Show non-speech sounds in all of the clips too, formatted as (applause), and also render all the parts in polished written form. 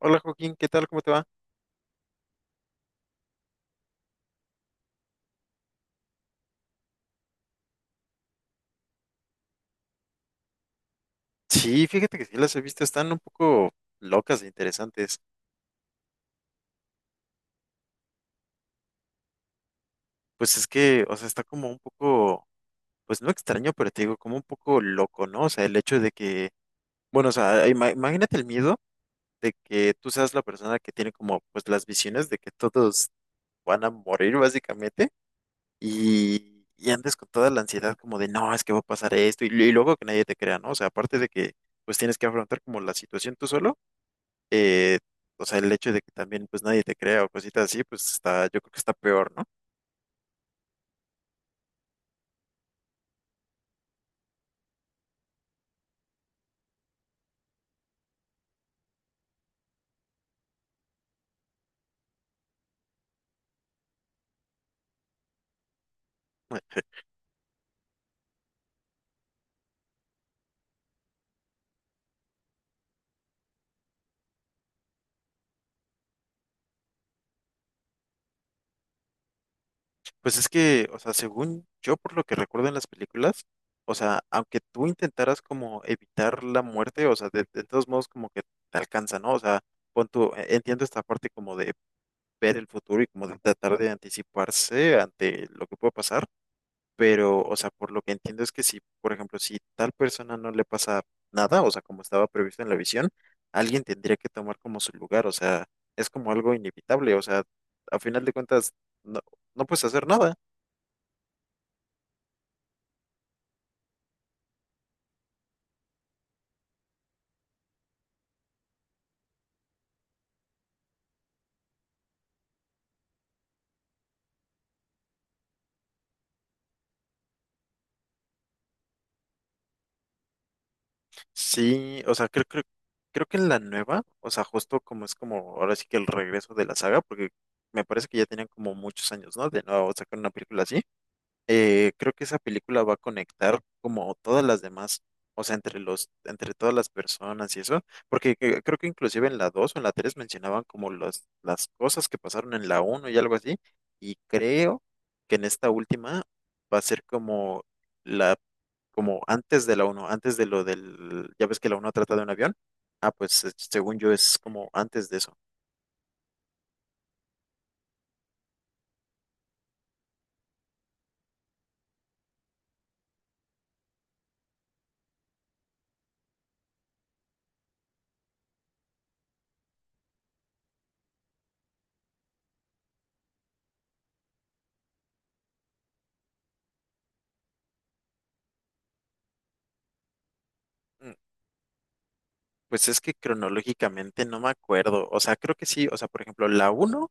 Hola Joaquín, ¿qué tal? ¿Cómo te va? Sí, fíjate que sí las he visto, están un poco locas e interesantes. Pues es que, o sea, está como un poco, pues no extraño, pero te digo, como un poco loco, ¿no? O sea, el hecho de que, bueno, o sea, imagínate el miedo de que tú seas la persona que tiene como, pues las visiones de que todos van a morir básicamente y andes con toda la ansiedad como de, no, es que va a pasar esto y luego que nadie te crea, ¿no? O sea, aparte de que, pues tienes que afrontar como la situación tú solo. eh, o sea, el hecho de que también pues nadie te crea o cositas así, pues está, yo creo que está peor, ¿no? Ay. Pues es que, o sea, según yo, por lo que recuerdo en las películas, o sea, aunque tú intentaras como evitar la muerte, o sea, de todos modos como que te alcanza, ¿no? O sea, pon tú, entiendo esta parte como de ver el futuro y como de tratar de anticiparse ante lo que puede pasar. Pero, o sea, por lo que entiendo es que si, por ejemplo, si tal persona no le pasa nada, o sea, como estaba previsto en la visión, alguien tendría que tomar como su lugar, o sea, es como algo inevitable, o sea, a final de cuentas, no, no puedes hacer nada. Sí, o sea, creo que en la nueva, o sea, justo como es como ahora sí que el regreso de la saga, porque me parece que ya tenían como muchos años, ¿no? De nuevo sacar una película así. Creo que esa película va a conectar como todas las demás, o sea, entre todas las personas y eso, porque creo que inclusive en la 2 o en la 3 mencionaban como las cosas que pasaron en la uno y algo así, y creo que en esta última va a ser como la, como antes de la uno antes de lo del, ya ves que la uno trata de un avión, ah, pues según yo es como antes de eso. Mm. Pues es que cronológicamente no me acuerdo, o sea, creo que sí, o sea, por ejemplo, la uno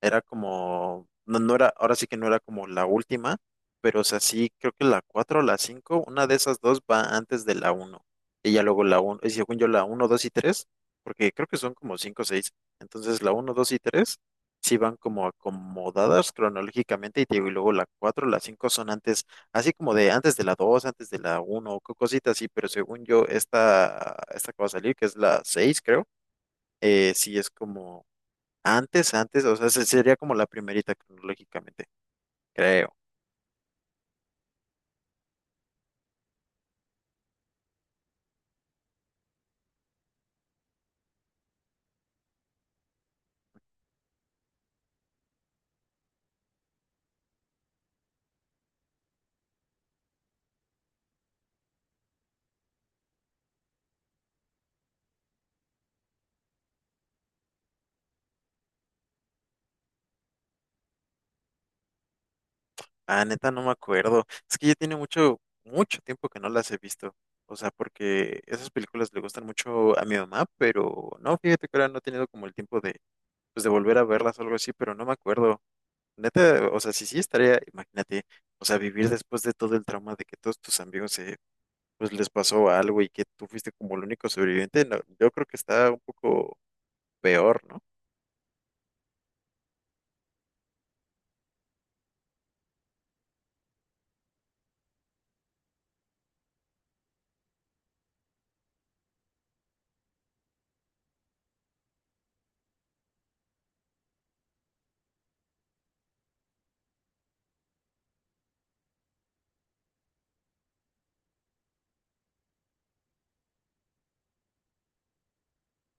era como, no, no era, ahora sí que no era como la última, pero o sea, sí, creo que la 4 o la cinco, una de esas dos va antes de la uno. Y ya luego la uno y según yo la uno 2 y tres, porque creo que son como 5 o 6. Entonces la uno 2 y 3 sí van como acomodadas cronológicamente y, te digo, y luego la 4 la 5 son antes, así como de antes de la 2 antes de la uno cositas así, pero según yo esta, esta que va a salir, que es la 6 creo, sí es como... Antes, antes, o sea, sería como la primerita cronológicamente, creo. Ah, neta, no me acuerdo. Es que ya tiene mucho, mucho tiempo que no las he visto. O sea, porque esas películas le gustan mucho a mi mamá, pero no, fíjate que ahora no he tenido como el tiempo de, pues, de volver a verlas o algo así, pero no me acuerdo. Neta, o sea, sí, sí estaría, imagínate, o sea, vivir después de todo el trauma de que todos tus amigos se, pues les pasó algo y que tú fuiste como el único sobreviviente, no, yo creo que está un poco peor, ¿no?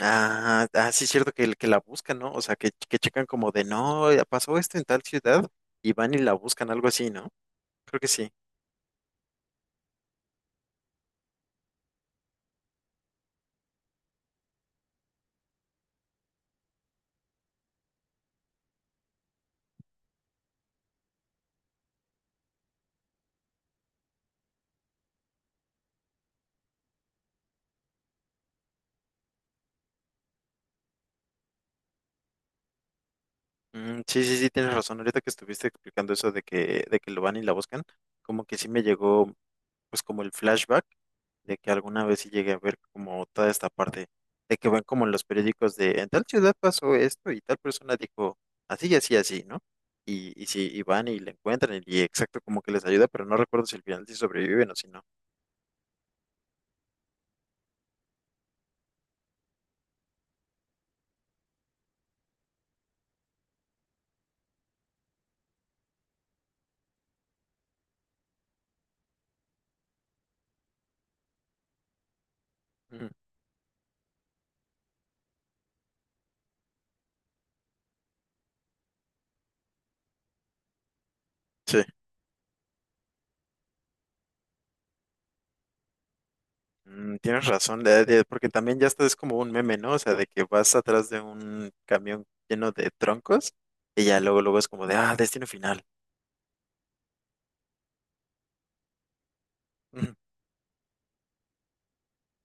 Ah, ah, sí, es cierto que la buscan, ¿no? O sea, que checan como de, no, ya pasó esto en tal ciudad y van y la buscan, algo así, ¿no? Creo que sí. Mm, sí, tienes razón. Ahorita que estuviste explicando eso de que lo van y la buscan, como que sí me llegó, pues como el flashback de que alguna vez sí llegué a ver como toda esta parte, de que ven como en los periódicos de, en tal ciudad pasó esto y tal persona dijo, así, así, ¿no? Y sí, y van y le encuentran y exacto como que les ayuda, pero no recuerdo si al final sí sobreviven o si no. Mm. Sí. Mm, tienes razón, porque también ya estás es como un meme, ¿no? O sea, de que vas atrás de un camión lleno de troncos y ya luego luego es como de, ah, destino final. Mm.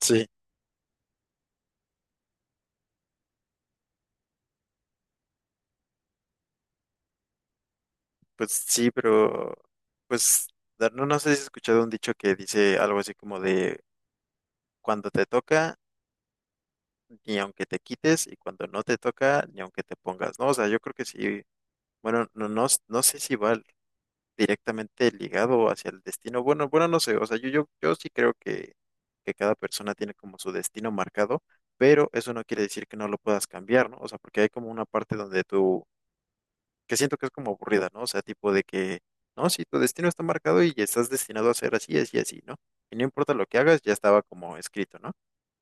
Sí, pues sí, pero pues no, no sé si has escuchado un dicho que dice algo así como de cuando te toca, ni aunque te quites, y cuando no te toca, ni aunque te pongas, ¿no? O sea, yo creo que sí, bueno, no sé si va directamente ligado hacia el destino. Bueno, bueno, no sé, o sea, yo sí creo que cada persona tiene como su destino marcado, pero eso no quiere decir que no lo puedas cambiar, ¿no? O sea, porque hay como una parte donde tú, que siento que es como aburrida, ¿no? O sea, tipo de que, no, sí, tu destino está marcado y estás destinado a ser así, así, así, ¿no? Y no importa lo que hagas, ya estaba como escrito, ¿no?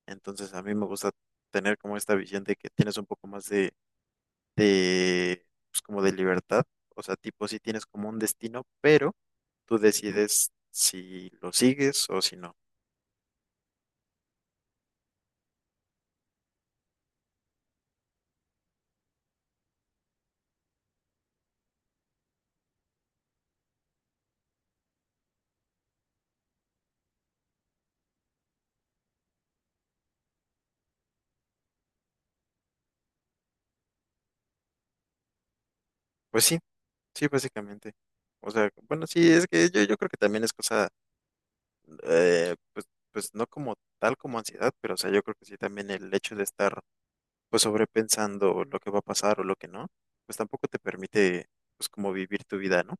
Entonces a mí me gusta tener como esta visión de que tienes un poco más de, pues como de libertad, o sea, tipo sí tienes como un destino, pero tú decides si lo sigues o si no. Pues sí, sí, básicamente. O sea, bueno, sí, es que yo creo que también es cosa, pues, pues no como tal como ansiedad, pero o sea, yo creo que sí también el hecho de estar pues sobrepensando lo que va a pasar o lo que no, pues tampoco te permite pues como vivir tu vida, ¿no?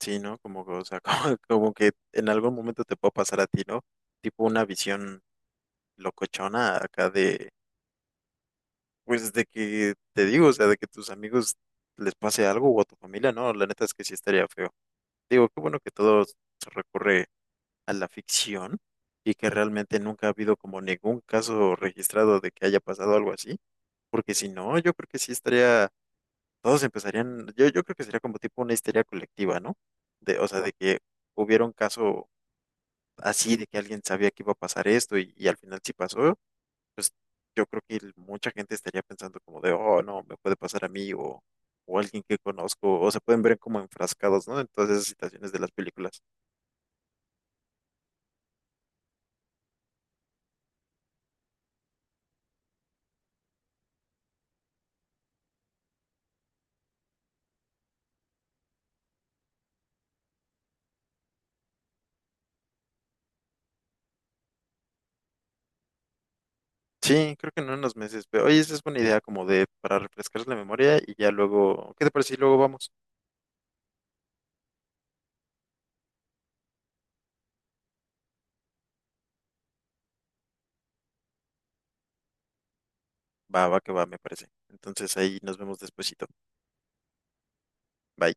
Sí, ¿no? Como, que, o sea, (laughs) como, como que en algún momento te puede pasar a ti, ¿no? Tipo una visión locochona acá de, pues de que te digo, o sea, de que tus amigos les pase algo o a tu familia, no, la neta es que sí estaría feo. Digo, qué bueno que todo se recurre a la ficción y que realmente nunca ha habido como ningún caso registrado de que haya pasado algo así, porque si no, yo creo que sí estaría, todos empezarían, yo creo que sería como tipo una histeria colectiva, ¿no? De, o sea, de que hubiera un caso así, de que alguien sabía que iba a pasar esto y al final sí pasó. Pues yo creo que mucha gente estaría pensando como de, oh, no, me puede pasar a mí o alguien que conozco, o se pueden ver como enfrascados, ¿no? En todas esas situaciones de las películas. Sí, creo que en unos meses, pero oye, esa es buena idea como de para refrescar la memoria y ya luego, ¿qué te parece? Y luego vamos. Va, va, que va, me parece. Entonces ahí nos vemos despuesito. Bye.